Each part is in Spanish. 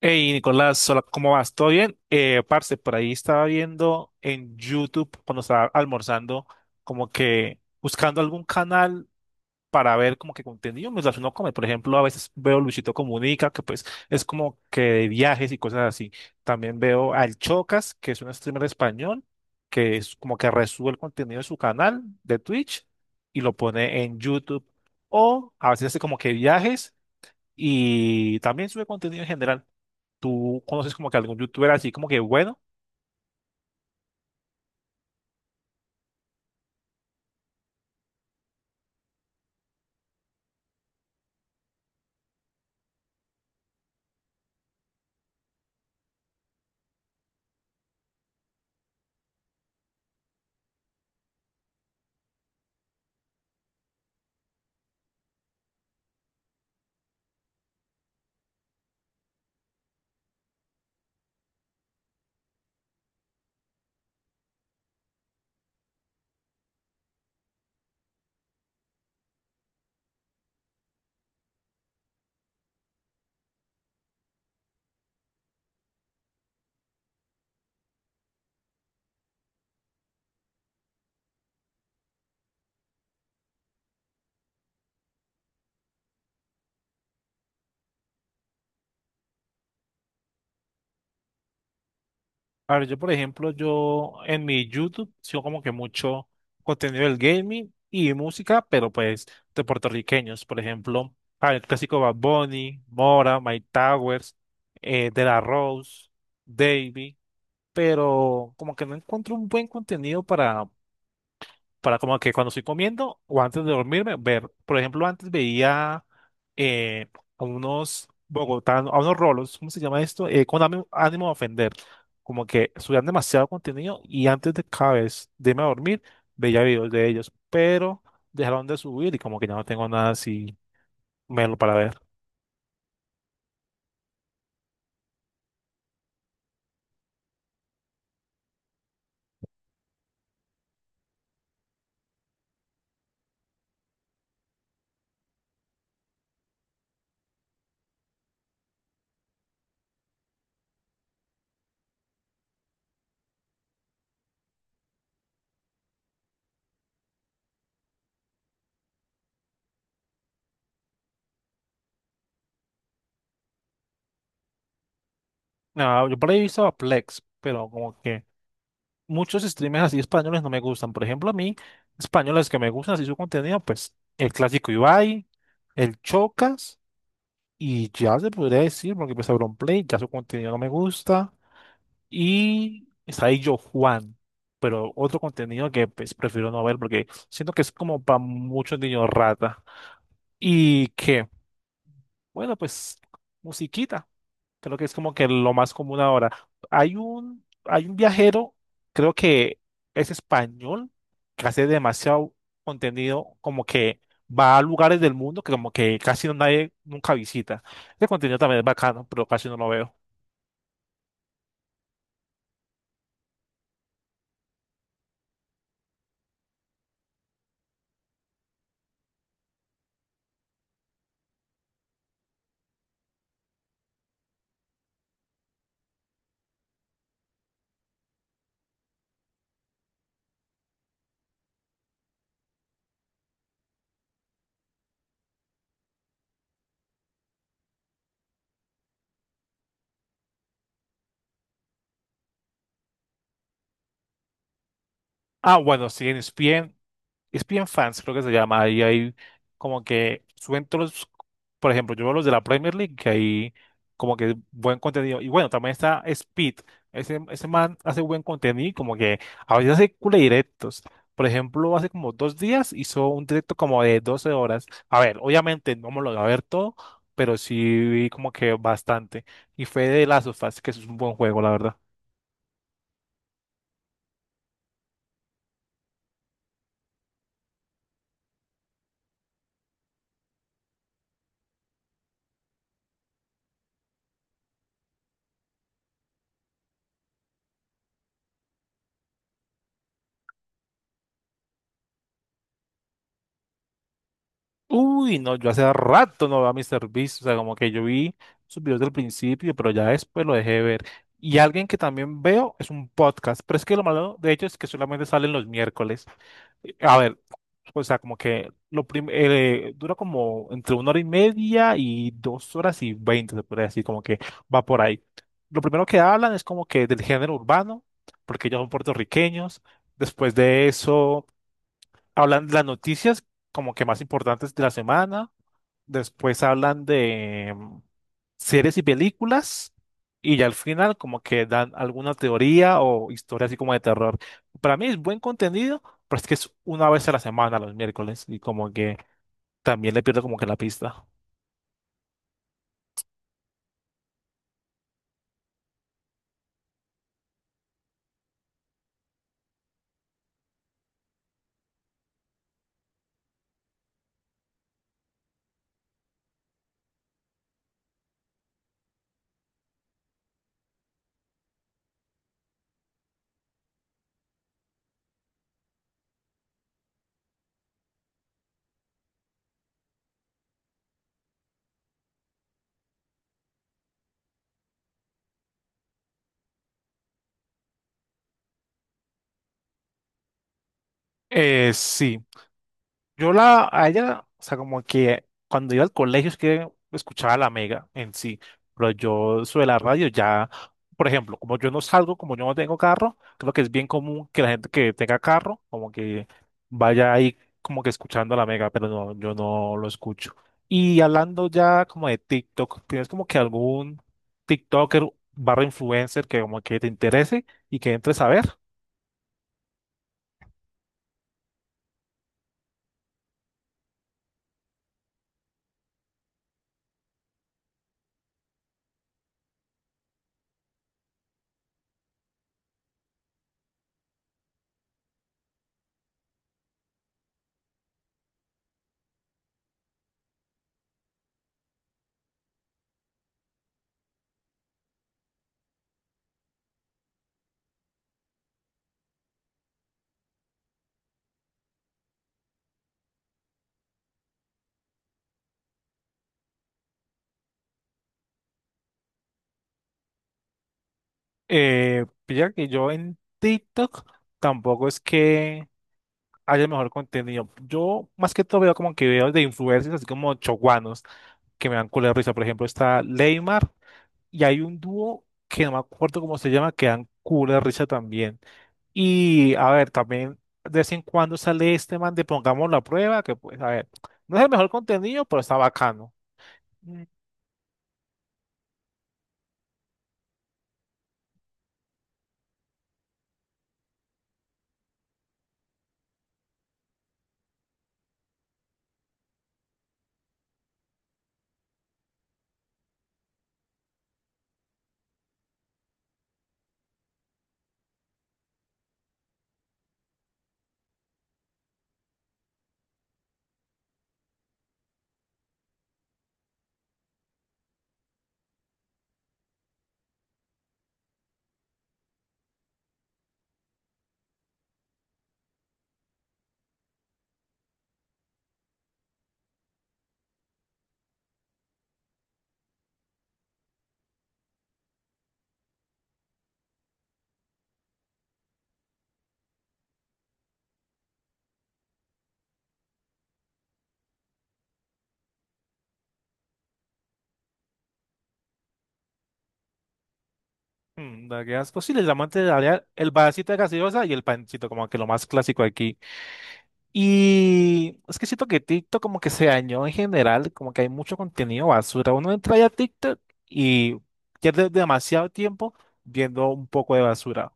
Hey Nicolás, hola, ¿cómo vas? ¿Todo bien? Parce, por ahí estaba viendo en YouTube cuando estaba almorzando, como que buscando algún canal para ver como que contenido mientras uno come. Por ejemplo, a veces veo Luisito Comunica, que pues es como que de viajes y cosas así. También veo al Chocas, que es un streamer español, que es como que resube el contenido de su canal de Twitch y lo pone en YouTube. O a veces hace como que viajes y también sube contenido en general. ¿Tú conoces como que algún youtuber así como que bueno? A ver, yo por ejemplo, yo en mi YouTube sigo como que mucho contenido del gaming y música, pero pues de puertorriqueños, por ejemplo, ah, el clásico Bad Bunny, Mora, Mike Towers, De La Rose, Davey, pero como que no encuentro un buen contenido para como que cuando estoy comiendo o antes de dormirme, ver, por ejemplo, antes veía eh, a unos bogotanos, a unos rolos, ¿cómo se llama esto? Con ánimo, ánimo de ofender, como que subían demasiado contenido y antes de cada vez de irme a dormir veía videos de ellos, pero dejaron de subir y como que ya no tengo nada así melo para ver. Nada, yo por ahí he visto a Plex, pero como que muchos streamers así españoles no me gustan. Por ejemplo, a mí, españoles que me gustan así su contenido, pues el clásico Ibai, el Chocas, y ya se podría decir, porque pues Play ya su contenido no me gusta. Y está ahí Yo Juan, pero otro contenido que pues prefiero no ver porque siento que es como para muchos niños rata. Y que, bueno, pues musiquita. Creo que es como que lo más común ahora. Hay un viajero, creo que es español, que hace demasiado contenido, como que va a lugares del mundo que como que casi no, nadie nunca visita. Ese contenido también es bacano, pero casi no lo veo. Ah, bueno, sí, en ESPN ESPN Fans, creo que se llama. Ahí hay como que suben todos los, por ejemplo, yo veo los de la Premier League, que hay como que buen contenido. Y bueno, también está Speed. Ese man hace buen contenido, y como que a veces hace cule directos. Por ejemplo, hace como 2 días hizo un directo como de 12 horas. A ver, obviamente no me lo voy a ver todo, pero sí vi como que bastante. Y fue de Last of Us, que es un buen juego, la verdad. Uy, no, yo hace rato no veo a Mr. Beast, o sea, como que yo vi sus videos del principio, pero ya después lo dejé de ver. Y alguien que también veo es un podcast, pero es que lo malo de hecho es que solamente salen los miércoles. A ver, o sea, como que dura como entre una hora y media y 2 horas y veinte, se podría decir, como que va por ahí. Lo primero que hablan es como que del género urbano, porque ellos son puertorriqueños. Después de eso, hablan de las noticias como que más importantes de la semana. Después hablan de series y películas. Y ya al final como que dan alguna teoría o historia así como de terror. Para mí es buen contenido, pero es que es una vez a la semana, los miércoles. Y como que también le pierdo como que la pista. Sí, a ella, o sea, como que cuando iba al colegio es que escuchaba la mega en sí, pero yo sobre la radio ya, por ejemplo, como yo no salgo, como yo no tengo carro, creo que es bien común que la gente que tenga carro, como que vaya ahí como que escuchando la mega, pero no, yo no lo escucho. Y hablando ya como de TikTok, ¿tienes como que algún TikToker barra influencer que como que te interese y que entres a ver? Pilla que yo en TikTok tampoco es que haya mejor contenido. Yo más que todo veo como que veo de influencers, así como choguanos, que me dan culo de risa. Por ejemplo, está Leymar y hay un dúo que no me acuerdo cómo se llama, que dan culo de risa también. Y a ver, también de vez en cuando sale este man de Pongamos la prueba, que pues, a ver, no es el mejor contenido, pero está bacano. Mm, mm, la que es posible, el amante de la el vasito de gaseosa y el pancito, como que lo más clásico aquí. Y es que siento que TikTok como que se dañó en general, como que hay mucho contenido basura. Uno entra ya a TikTok y pierde demasiado tiempo viendo un poco de basura.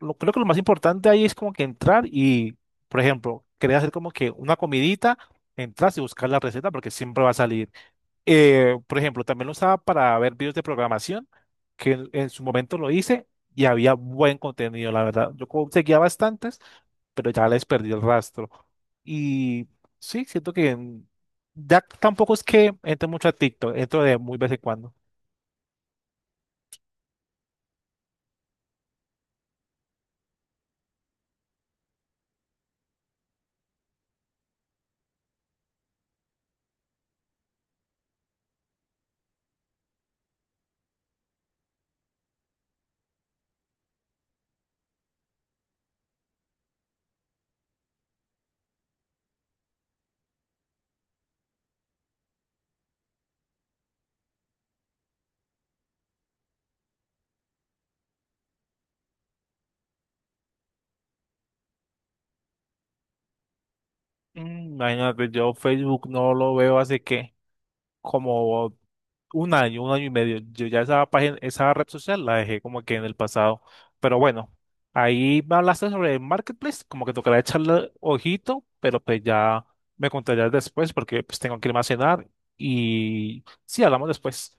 Lo, creo que lo más importante ahí es como que entrar y, por ejemplo, querer hacer como que una comidita, entras y buscar la receta porque siempre va a salir. Por ejemplo, también lo usaba para ver videos de programación, que en su momento lo hice y había buen contenido, la verdad. Yo como seguía bastantes pero ya les perdí el rastro. Y sí, siento que ya tampoco es que entre mucho a TikTok, entro de muy vez en cuando. Mm, imagínate, yo Facebook no lo veo hace que como un año y medio. Yo ya esa página, esa red social la dejé como que en el pasado. Pero bueno, ahí me hablaste sobre el Marketplace, como que tocará echarle ojito, pero pues ya me contarías después porque pues tengo que irme a cenar y sí, hablamos después.